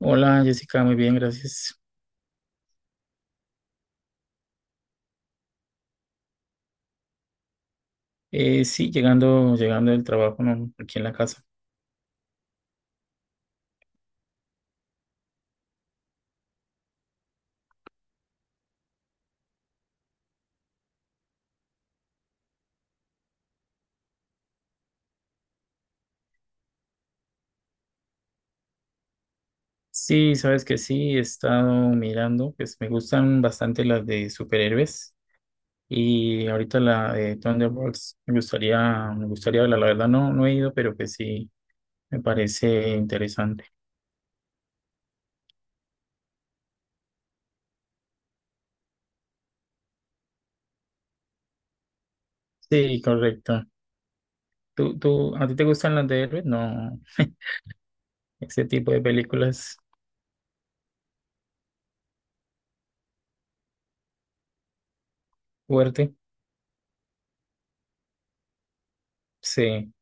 Hola Jessica, muy bien, gracias. Sí, llegando del trabajo, ¿no? Aquí en la casa. Sí, sabes que sí, he estado mirando, pues me gustan bastante las de superhéroes, y ahorita la de Thunderbolts me gustaría verla, la verdad no, no he ido, pero que sí, me parece interesante. Sí, correcto. A ti te gustan las de héroes? No, ese tipo de películas fuerte. Sí.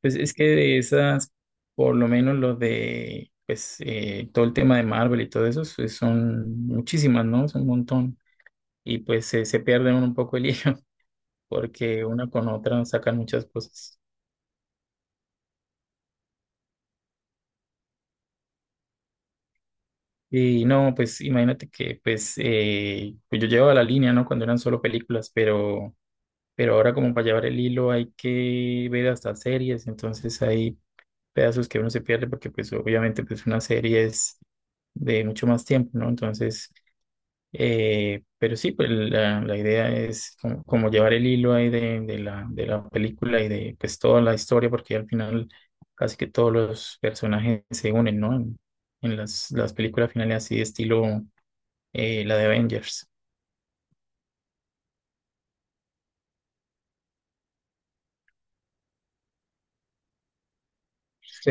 Pues es que de esas, por lo menos los de, pues todo el tema de Marvel y todo eso, pues, son muchísimas, ¿no? Es un montón. Y pues se pierden un poco el hilo, porque una con otra sacan muchas cosas. Y no, pues imagínate que pues yo llevaba la línea, ¿no? Cuando eran solo películas, pero, ahora como para llevar el hilo hay que ver hasta series, entonces hay pedazos que uno se pierde porque pues obviamente pues una serie es de mucho más tiempo, ¿no? Entonces, pero sí, pues la idea es como llevar el hilo ahí de la película y de pues toda la historia, porque al final casi que todos los personajes se unen, ¿no? En las películas finales así de estilo, la de Avengers. Sí,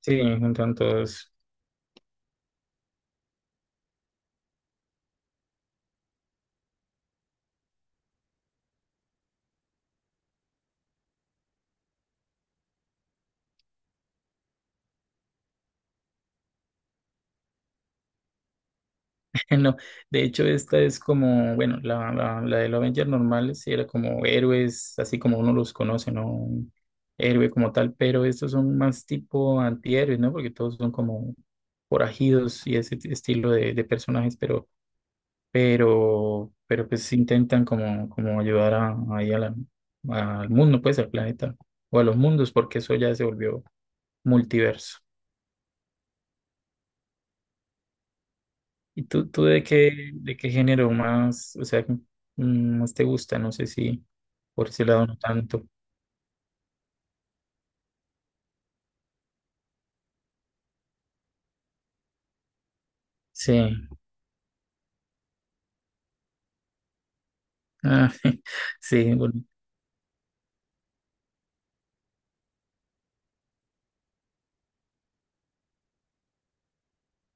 sí, juntan todos. No, de hecho, esta es como, bueno, la de los Avengers normales sí era como héroes, así como uno los conoce, ¿no? Un héroe como tal, pero estos son más tipo antihéroes, ¿no? Porque todos son como forajidos y ese estilo de personajes, pero, pues intentan como ayudar ahí al mundo, pues al planeta, o a los mundos, porque eso ya se volvió multiverso. ¿Y tú de qué género más, o sea, más te gusta? No sé si por ese lado no tanto. Sí, ah, sí, bueno,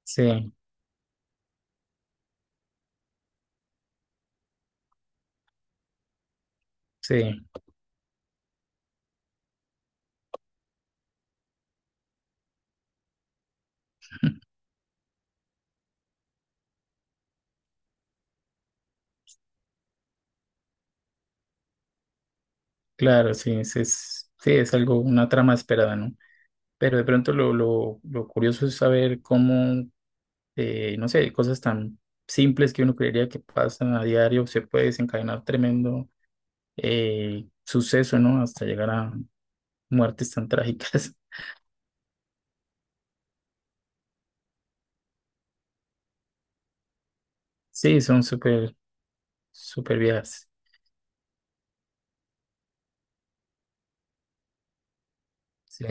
sí, sí, claro, sí, sí, es algo, una trama esperada, ¿no? Pero de pronto lo curioso es saber cómo, no sé, cosas tan simples que uno creería que pasan a diario, se puede desencadenar tremendo, suceso, ¿no? Hasta llegar a muertes tan trágicas. Sí, son súper, súper viejas. Sí.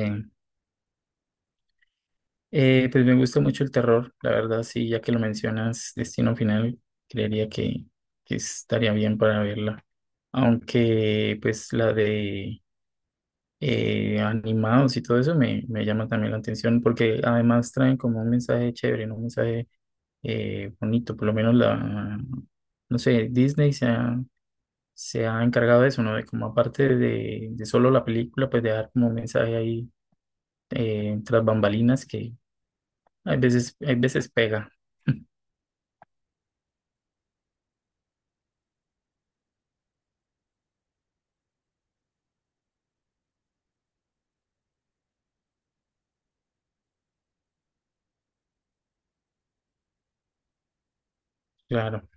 Pues me gusta mucho el terror, la verdad, sí, ya que lo mencionas, Destino Final, creería que estaría bien para verla. Aunque, pues, la de animados y todo eso me llama también la atención, porque además traen como un mensaje chévere, ¿no? Un mensaje, bonito, por lo menos la, no sé, Disney se ha encargado de eso, ¿no? De como aparte de solo la película, pues de dar como un mensaje ahí, tras bambalinas que hay veces, hay veces pega. Claro.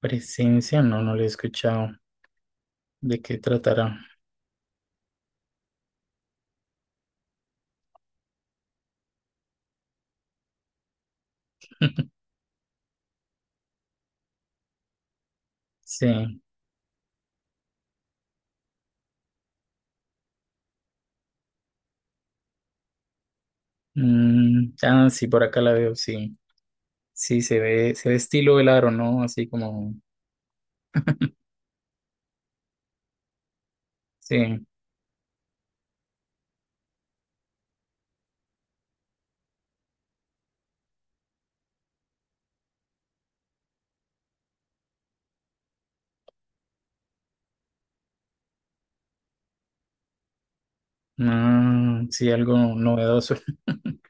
Presencia, no, no lo he escuchado. ¿De qué tratará? Sí. Ah, sí, por acá la veo, sí. Sí, se ve estilo el aro, ¿no? Así como, sí. Ah, sí, algo novedoso.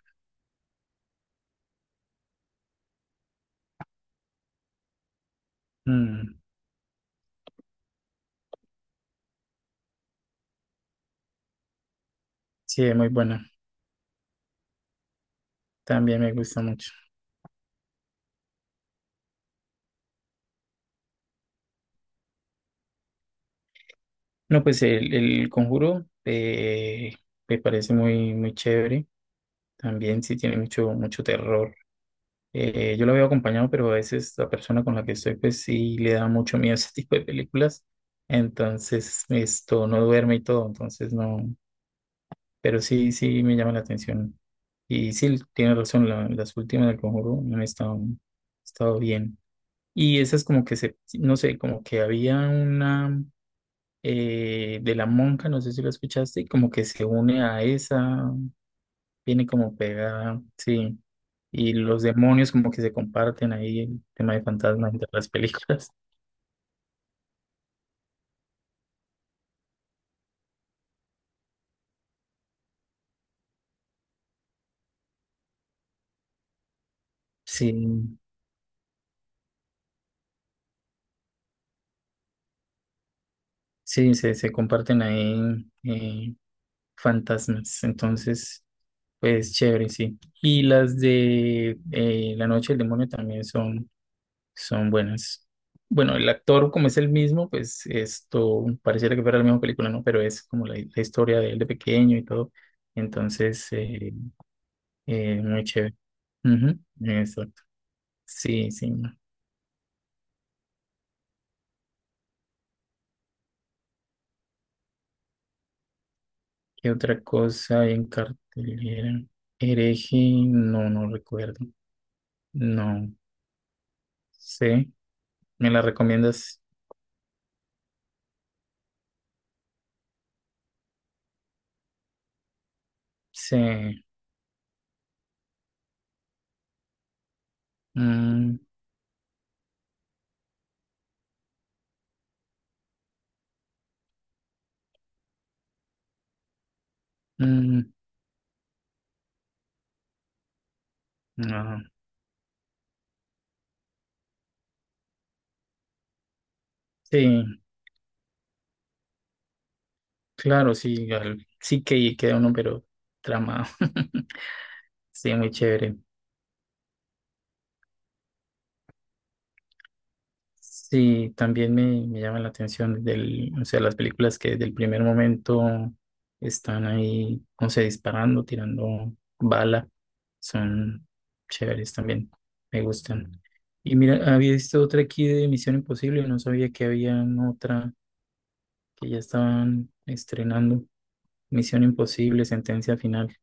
Mm, sí, es muy buena. También me gusta mucho. No, pues el Conjuro, me parece muy, muy chévere. También sí tiene mucho, mucho terror. Yo lo veo acompañado, pero a veces la persona con la que estoy, pues sí le da mucho miedo ese tipo de películas. Entonces, esto no duerme y todo. Entonces, no. Pero sí, sí me llama la atención. Y sí, tiene razón, las últimas del Conjuro no han estado, han estado bien. Y esas como que se, no sé, como que había una, de la monja, no sé si la escuchaste, y como que se une a esa, viene como pegada, sí. Y los demonios como que se comparten ahí el tema de fantasmas entre las películas. Sí, sí, se comparten ahí, fantasmas. Entonces, pues chévere, sí. Y las de La Noche del Demonio también son, son buenas. Bueno, el actor como es el mismo, pues esto pareciera que fuera la misma película, ¿no? Pero es como la historia de él de pequeño y todo. Entonces, muy chévere. Ujú, eso. Sí, sí. ¿Qué otra cosa hay en cartelera? Hereje, no, no recuerdo. No sé. ¿Me la recomiendas? Sí. Mm, mm, no. Sí, claro, sí. Sí que ahí queda uno, pero tramado. Sí, muy chévere. Sí, también me llama la atención del, o sea, las películas que del primer momento están ahí, no sé, disparando, tirando bala, son chéveres también, me gustan. Y mira, había visto otra aquí de Misión Imposible, no sabía que había otra que ya estaban estrenando, Misión Imposible, Sentencia Final.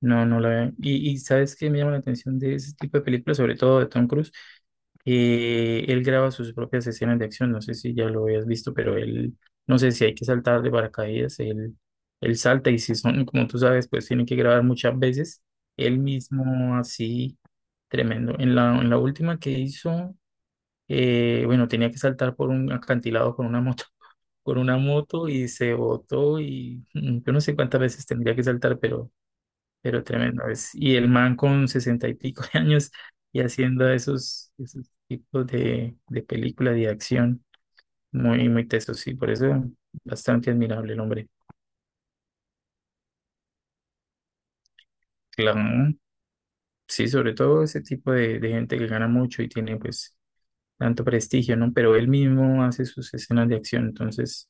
No, no la veo. Y ¿sabes qué me llama la atención de ese tipo de películas, sobre todo de Tom Cruise? Que él graba sus propias escenas de acción. No sé si ya lo habías visto, pero él, no sé si hay que saltar de paracaídas, él salta y si son, como tú sabes, pues tienen que grabar muchas veces. Él mismo así, tremendo. En la última que hizo, bueno, tenía que saltar por un acantilado con una moto, con una moto, y se botó, y yo no sé cuántas veces tendría que saltar, pero tremendo es. Y el man con 60 y pico de años y haciendo esos, esos tipos de películas de acción muy, muy tesos, sí, por eso bastante admirable el hombre. Claro, sí, sobre todo ese tipo de gente que gana mucho y tiene pues tanto prestigio, ¿no? Pero él mismo hace sus escenas de acción, entonces,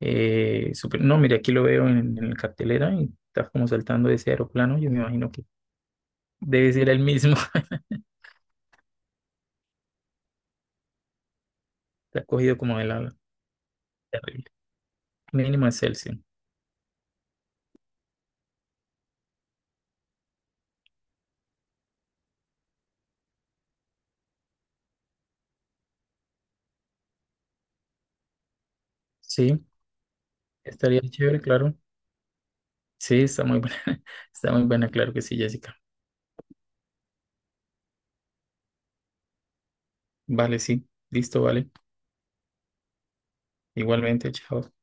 no, mira, aquí lo veo en la cartelera y está como saltando de ese aeroplano, yo me imagino que debe ser el mismo, está cogido como del ala. Mínimo de Celsius. Sí, estaría chévere, claro. Sí, está muy buena. Está muy buena, claro que sí, Jessica. Vale, sí. Listo, vale. Igualmente, chao.